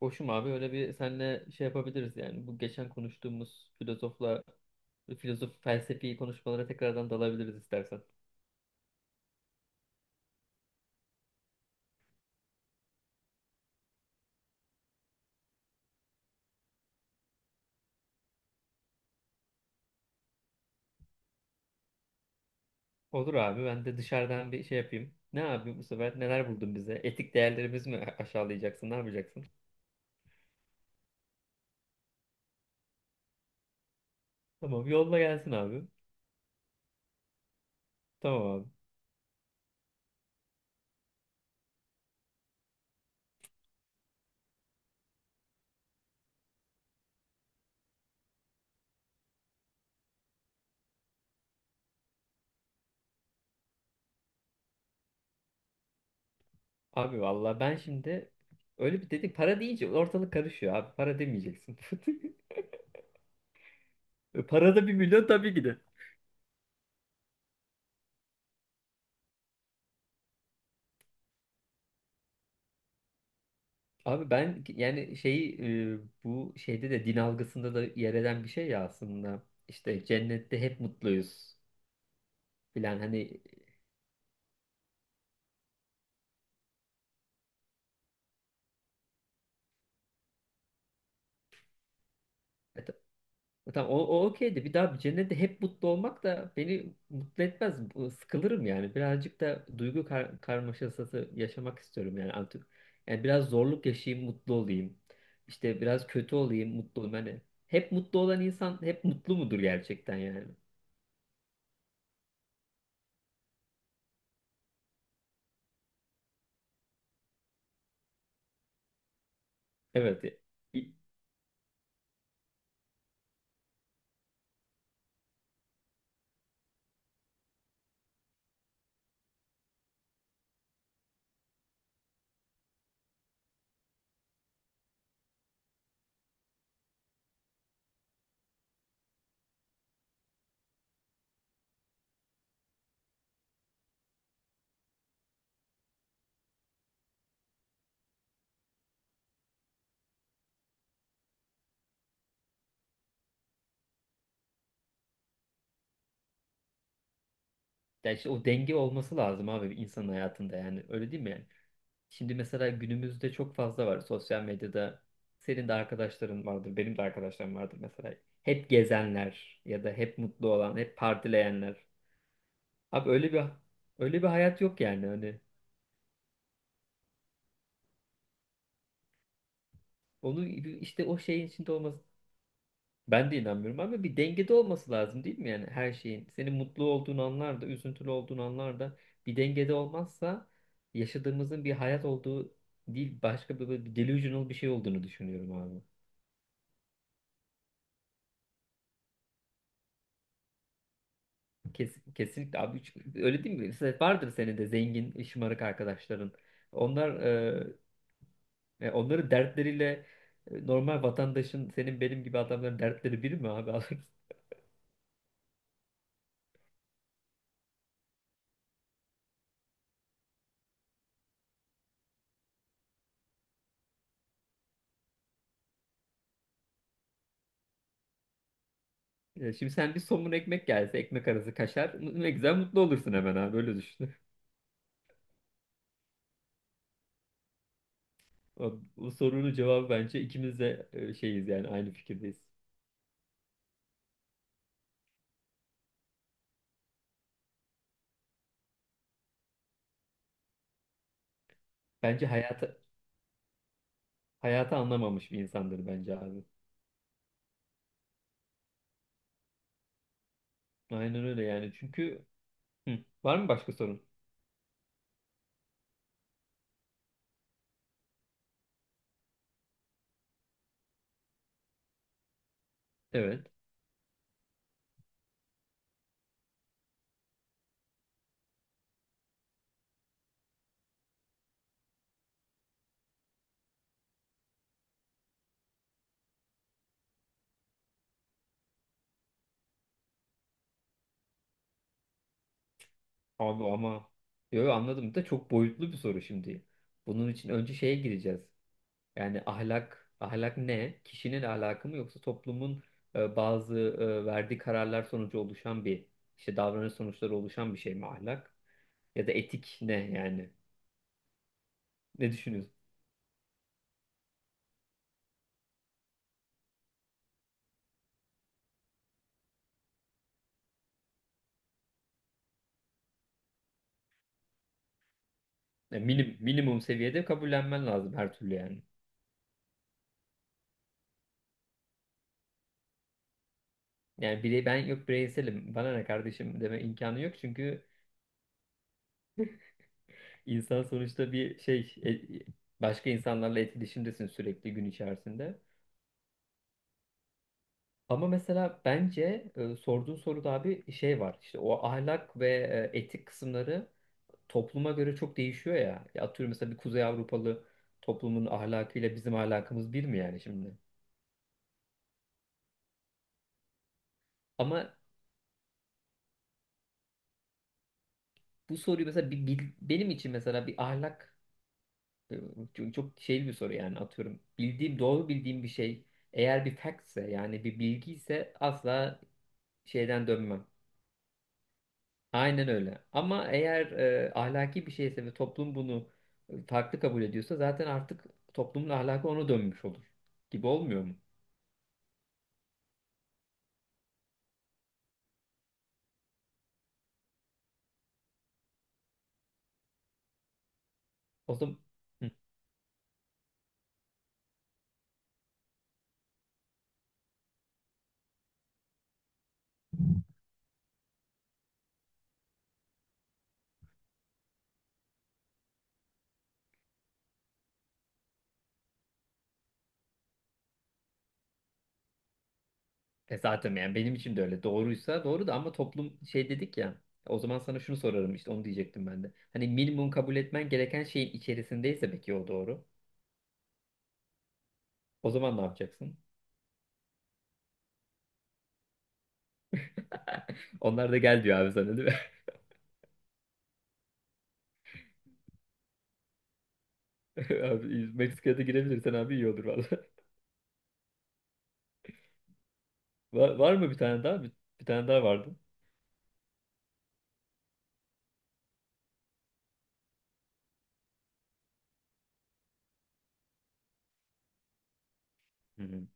Boşum abi, öyle bir senle şey yapabiliriz yani. Bu geçen konuştuğumuz filozof felsefi konuşmalara tekrardan dalabiliriz istersen. Olur abi, ben de dışarıdan bir şey yapayım. Ne abi, bu sefer neler buldun bize? Etik değerlerimiz mi aşağılayacaksın? Ne yapacaksın? Tamam, yolla gelsin abi. Tamam abi. Abi valla ben şimdi öyle bir dedik, para deyince ortalık karışıyor abi. Para demeyeceksin. Parada bir milyon tabii ki de. Abi ben yani e, bu şeyde de din algısında da yer eden bir şey ya aslında. İşte cennette hep mutluyuz filan hani. e, ta- tamam, o okeydi. Bir daha bir cennette hep mutlu olmak da beni mutlu etmez. Sıkılırım yani. Birazcık da duygu karmaşası yaşamak istiyorum yani artık. Yani biraz zorluk yaşayayım, mutlu olayım. İşte biraz kötü olayım, mutlu olayım. Hani hep mutlu olan insan hep mutlu mudur gerçekten yani? Evet. Ya işte o denge olması lazım abi insanın hayatında, yani öyle değil mi yani? Şimdi mesela günümüzde çok fazla var sosyal medyada. Senin de arkadaşların vardır, benim de arkadaşlarım vardır mesela. Hep gezenler ya da hep mutlu olan, hep partileyenler. Abi öyle bir öyle bir hayat yok yani hani. Onu işte o şeyin içinde olması. Ben de inanmıyorum, ama bir dengede olması lazım değil mi yani her şeyin? Senin mutlu olduğun anlarda, üzüntülü olduğun anlarda bir dengede olmazsa yaşadığımızın bir hayat olduğu değil, başka bir delusional bir şey olduğunu düşünüyorum abi. Kesinlikle abi, öyle değil mi? Mesela vardır senin de zengin, şımarık arkadaşların. Onlar onların dertleriyle, normal vatandaşın, senin benim gibi adamların dertleri biri mi abi? Ya şimdi sen bir somun ekmek gelse, ekmek arası kaşar, ne güzel mutlu olursun hemen abi, öyle düşün. Abi, bu sorunun cevabı bence ikimiz de şeyiz yani, aynı fikirdeyiz. Bence hayatı hayatı anlamamış bir insandır bence abi. Aynen öyle yani çünkü. Hı, var mı başka sorun? Evet. Abi ama anladım, da çok boyutlu bir soru şimdi. Bunun için önce şeye gireceğiz. Yani ahlak ne? Kişinin ahlakı mı, yoksa toplumun bazı verdiği kararlar sonucu oluşan bir, işte davranış sonuçları oluşan bir şey mi ahlak? Ya da etik ne yani? Ne düşünüyorsun? Ya minimum seviyede kabullenmen lazım her türlü yani. Yani ben yok bireyselim, bana ne kardeşim deme imkanı yok, çünkü insan sonuçta bir şey başka insanlarla etkileşimdesin sürekli gün içerisinde. Ama mesela bence sorduğun soruda abi şey var, işte o ahlak ve etik kısımları topluma göre çok değişiyor ya. Ya atıyorum mesela bir Kuzey Avrupalı toplumun ahlakıyla bizim ahlakımız bir mi yani şimdi? Ama bu soruyu mesela benim için mesela bir ahlak, çok şey bir soru yani, atıyorum. Doğru bildiğim bir şey, eğer bir factse yani bir bilgi ise, asla şeyden dönmem. Aynen öyle. Ama eğer ahlaki bir şeyse ve toplum bunu farklı kabul ediyorsa, zaten artık toplumun ahlakı ona dönmüş olur. Gibi olmuyor mu? O zaman. Hı. E zaten yani benim için de öyle. Doğruysa doğru, da ama toplum şey dedik ya. O zaman sana şunu sorarım, işte onu diyecektim ben de. Hani minimum kabul etmen gereken şeyin içerisindeyse peki o doğru. O zaman ne yapacaksın? Onlar da gel diyor abi sana, değil mi? Abi Meksika'da girebilirsen abi iyi olur valla. Var mı bir tane daha? Bir tane daha vardı. Hı hı.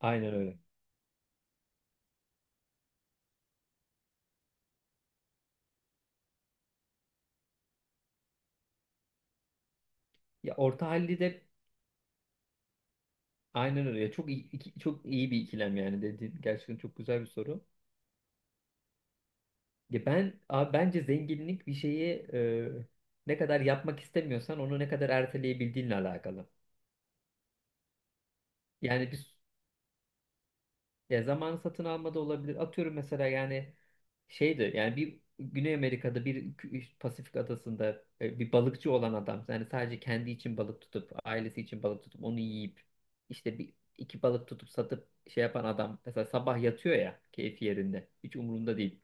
Aynen öyle. Ya orta halli de aynen öyle. Ya çok iyi bir ikilem yani dediğin, gerçekten çok güzel bir soru. Ya ben abi bence zenginlik bir şeyi ne kadar yapmak istemiyorsan onu ne kadar erteleyebildiğinle alakalı. Yani biz. Ya zamanı satın alma da olabilir. Atıyorum mesela yani şeydi yani, bir Güney Amerika'da bir Pasifik adasında bir balıkçı olan adam yani sadece kendi için balık tutup, ailesi için balık tutup onu yiyip işte bir iki balık tutup satıp şey yapan adam mesela sabah yatıyor ya, keyfi yerinde, hiç umurunda değil.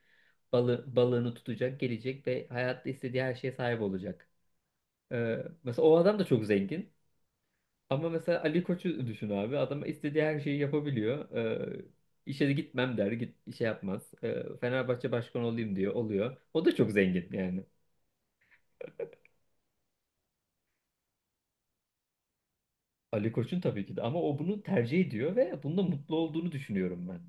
Balığını tutacak, gelecek ve hayatta istediği her şeye sahip olacak. Mesela o adam da çok zengin. Ama mesela Ali Koç'u düşün abi. Adam istediği her şeyi yapabiliyor. İşe de gitmem der. Git, işe yapmaz. Fenerbahçe başkanı olayım diyor. Oluyor. O da çok zengin yani. Ali Koç'un tabii ki de. Ama o bunu tercih ediyor ve bunda mutlu olduğunu düşünüyorum ben.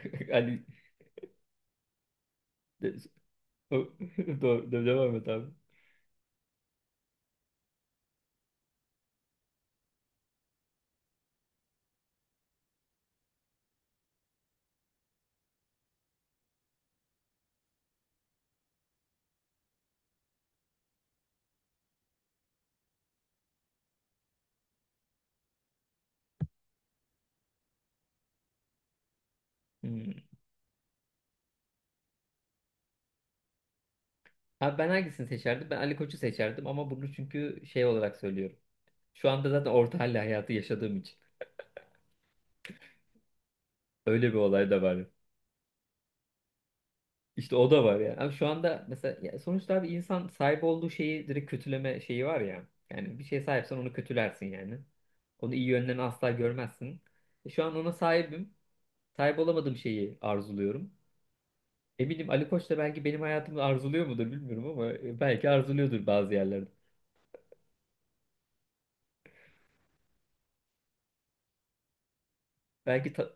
Ali... De- o- Doğru, devam et abi. Hmm. Abi ben hangisini seçerdim? Ben Ali Koç'u seçerdim, ama bunu çünkü şey olarak söylüyorum. Şu anda zaten orta halli hayatı yaşadığım için. Öyle bir olay da var. İşte o da var yani. Abi şu anda mesela, ya sonuçta abi insan sahip olduğu şeyi direkt kötüleme şeyi var ya. Yani bir şeye sahipsen onu kötülersin yani. Onu iyi yönlerini asla görmezsin. E şu an ona sahibim. Sahip olamadığım şeyi arzuluyorum. Eminim Ali Koç da belki benim hayatımı arzuluyor mudur bilmiyorum, ama belki arzuluyordur bazı yerlerde. Belki ta-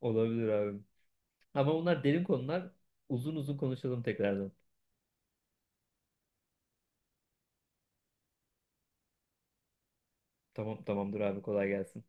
Olabilir abi. Ama bunlar derin konular. Uzun uzun konuşalım tekrardan. Tamam, tamamdır abi, kolay gelsin.